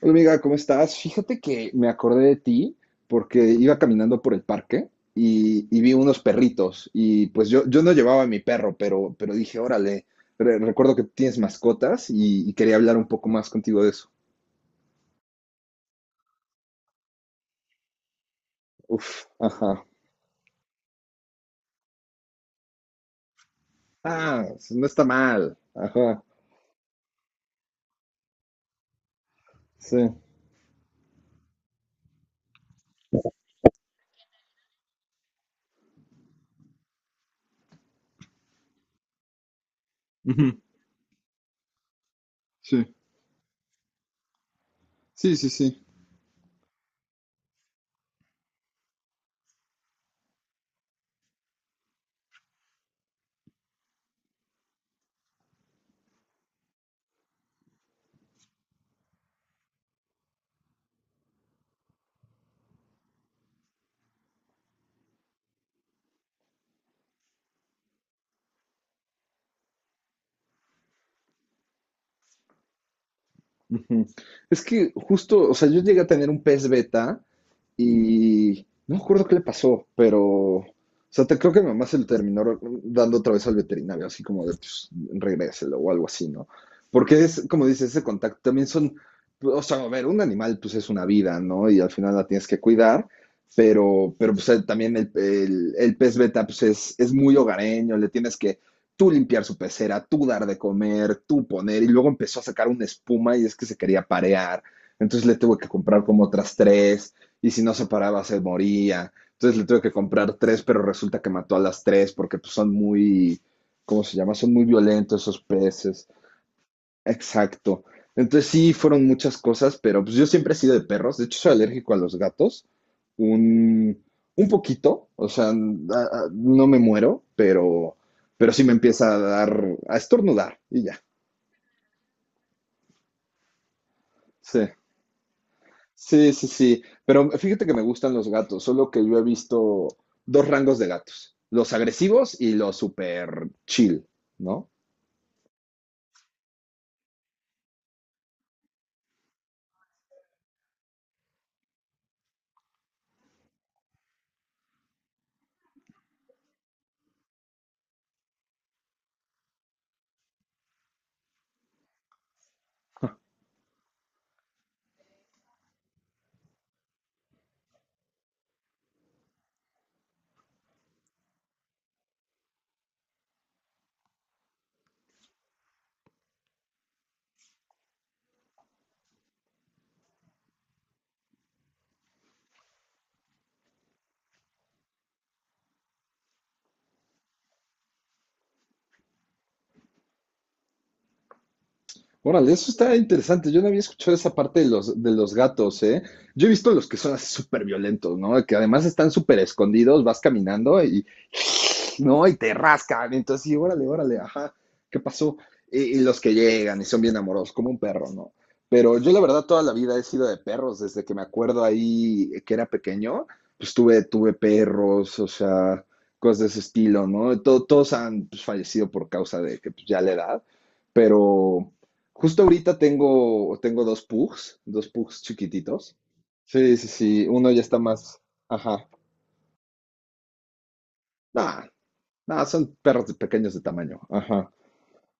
Hola amiga, ¿cómo estás? Fíjate que me acordé de ti porque iba caminando por el parque y vi unos perritos y pues yo no llevaba a mi perro, pero dije, órale, recuerdo que tienes mascotas y quería hablar un poco más contigo de eso. Uf, ajá. Ah, no está mal. Ajá, sí. Ujú. Sí, sí, sí, sí. Ujú. Es que justo, o sea, yo llegué a tener un pez beta y no me acuerdo qué le pasó, pero, o sea, creo que mi mamá se lo terminó dando otra vez al veterinario, así como de, pues, regréselo o algo así, ¿no? Porque es, como dices, ese contacto también son, o sea, a ver, un animal, pues, es una vida, ¿no? Y al final la tienes que cuidar, pero pues, también el pez beta, pues, es muy hogareño, le tienes que tú limpiar su pecera, tú dar de comer, tú poner, y luego empezó a sacar una espuma y es que se quería parear. Entonces le tuve que comprar como otras tres y si no se paraba se moría. Entonces le tuve que comprar tres, pero resulta que mató a las tres porque pues, son muy, ¿cómo se llama? Son muy violentos esos peces. Exacto. Entonces sí, fueron muchas cosas, pero pues yo siempre he sido de perros. De hecho, soy alérgico a los gatos. Un, un poquito, o sea, no me muero, pero sí me empieza a dar, a estornudar y ya. Sí. Sí, sí, sí. Pero fíjate que me gustan los gatos, solo que yo he visto dos rangos de gatos, los agresivos y los super chill, ¿no? Órale, eso está interesante. Yo no había escuchado esa parte de los gatos, ¿eh? Yo he visto los que son así súper violentos, ¿no? Que además están súper escondidos, vas caminando ¿no? Y te rascan. Entonces, sí, órale, órale, ajá, ¿qué pasó? Y los que llegan y son bien amorosos, como un perro, ¿no? Pero yo la verdad toda la vida he sido de perros, desde que me acuerdo ahí que era pequeño, pues tuve perros, o sea, cosas de ese estilo, ¿no? Todos han pues, fallecido por causa de que pues, ya la edad, pero justo ahorita tengo dos pugs chiquititos. Sí, sí, sí. Uno ya está más, ajá. Nah, no, son perros de pequeños de tamaño. Ajá.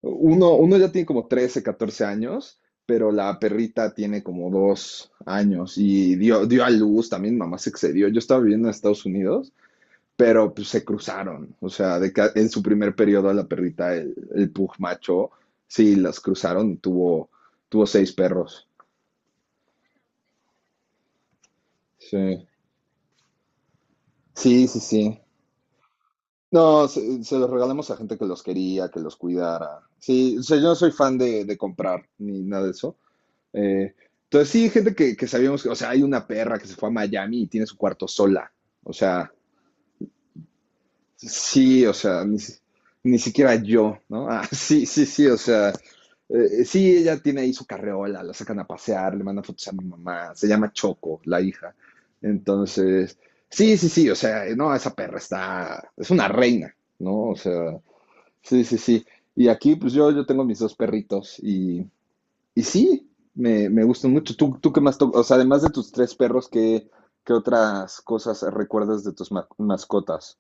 Uno ya tiene como 13, 14 años, pero la perrita tiene como 2 años y dio a luz, también mamá se excedió. Yo estaba viviendo en Estados Unidos, pero pues se cruzaron. O sea, de que en su primer periodo a la perrita, el pug macho, sí, las cruzaron y tuvo seis perros. Sí. Sí, sí, sí. No, se los regalamos a gente que los quería, que los cuidara. Sí, o sea, yo no soy fan de comprar ni nada de eso. Eh, entonces, sí, gente que sabíamos que, o sea, hay una perra que se fue a Miami y tiene su cuarto sola. O sea, sí, o sea, ni siquiera yo, ¿no? Ah, sí, sí, sí, o sea, sí, ella tiene ahí su carreola, la sacan a pasear, le mandan fotos a mi mamá, se llama Choco, la hija. Entonces, sí, sí, sí, o sea, no, esa perra es una reina, ¿no? O sea, sí, sí, sí. Y aquí, pues yo tengo mis dos perritos y sí, me gustan mucho. ¿Tú qué más to-? O sea, además de tus tres perros, ¿qué otras cosas recuerdas de tus mascotas?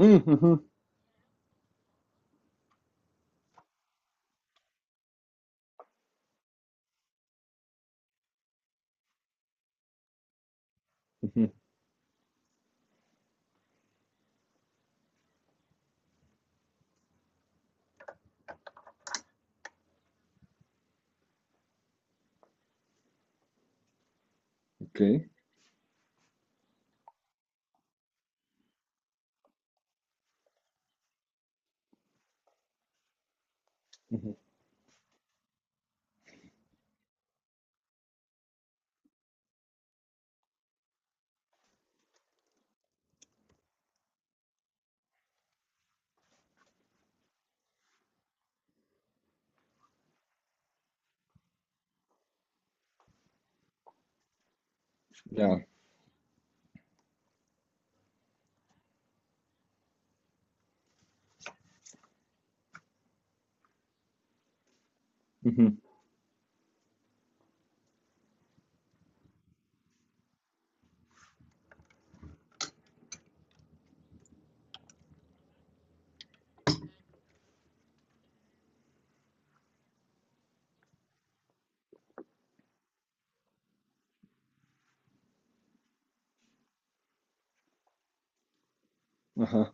Mm, ujú, ujú, ok, ujú, ya, ujú, ajá.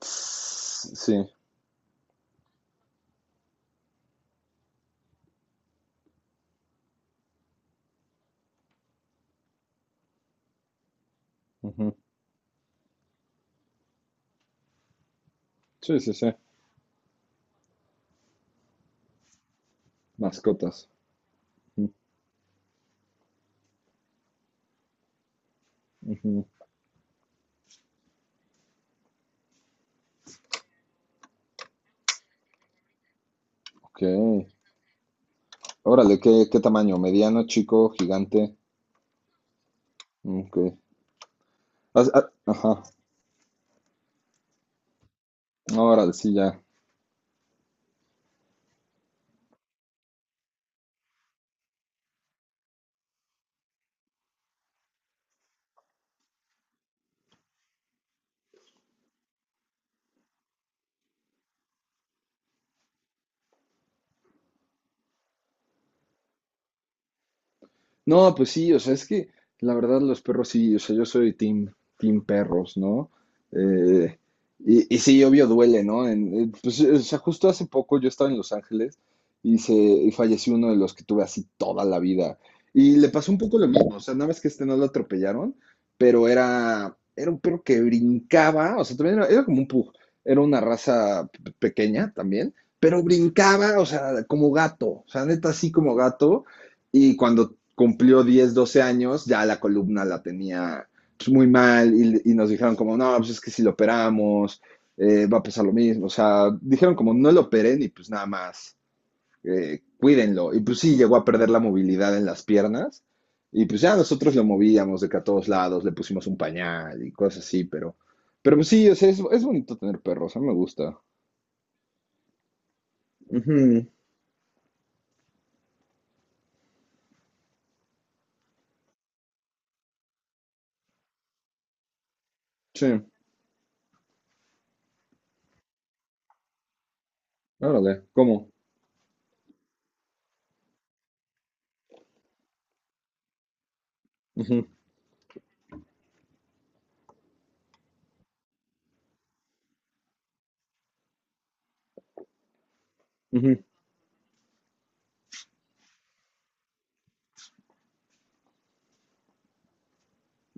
Tss. Sí, ujú. Sí, sí, sí. Mascotas. Ujú, ujú, ok. Órale, ¿qué tamaño? ¿Mediano, chico, gigante? Ok. Ajá. Órale, sí, ya. No, pues sí, o sea, es que la verdad los perros sí, o sea, yo soy team perros, ¿no? Eh, y sí, obvio duele, ¿no? Pues, o sea, justo hace poco yo estaba en Los Ángeles y falleció uno de los que tuve así toda la vida. Y le pasó un poco lo mismo, o sea, nada más que este no lo atropellaron, pero era un perro que brincaba, o sea, también era como un pug, era una raza pequeña también, pero brincaba, o sea, como gato, o sea, neta así como gato. Y cuando cumplió 10 12 años, ya la columna la tenía pues, muy mal y nos dijeron como, no, pues es que si lo operamos, va a pasar lo mismo. O sea, dijeron como, no lo operen y pues nada más, cuídenlo. Y pues sí, llegó a perder la movilidad en las piernas. Y pues ya nosotros lo movíamos de que a todos lados le pusimos un pañal y cosas así, pero pues sí, o sea, es bonito tener perros, a mí me gusta. Ujú. Sí, órale, ¿cómo? Ujú, ujú.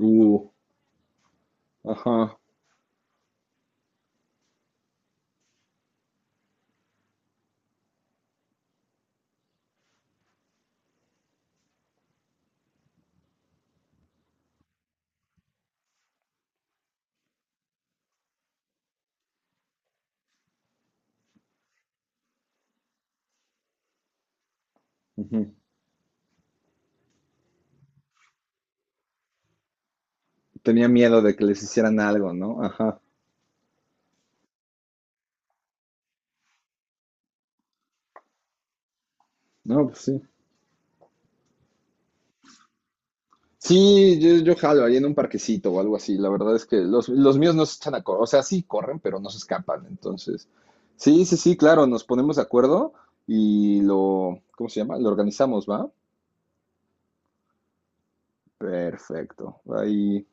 Uh, ajá, ujú. Tenía miedo de que les hicieran algo, ¿no? Ajá. No, pues sí. Sí, yo jalo ahí en un parquecito o algo así. La verdad es que los míos no se echan a correr. O sea, sí corren, pero no se escapan. Entonces, sí, sí, sí, claro, nos ponemos de acuerdo y lo, ¿cómo se llama? Lo organizamos, ¿va? Perfecto. Ahí,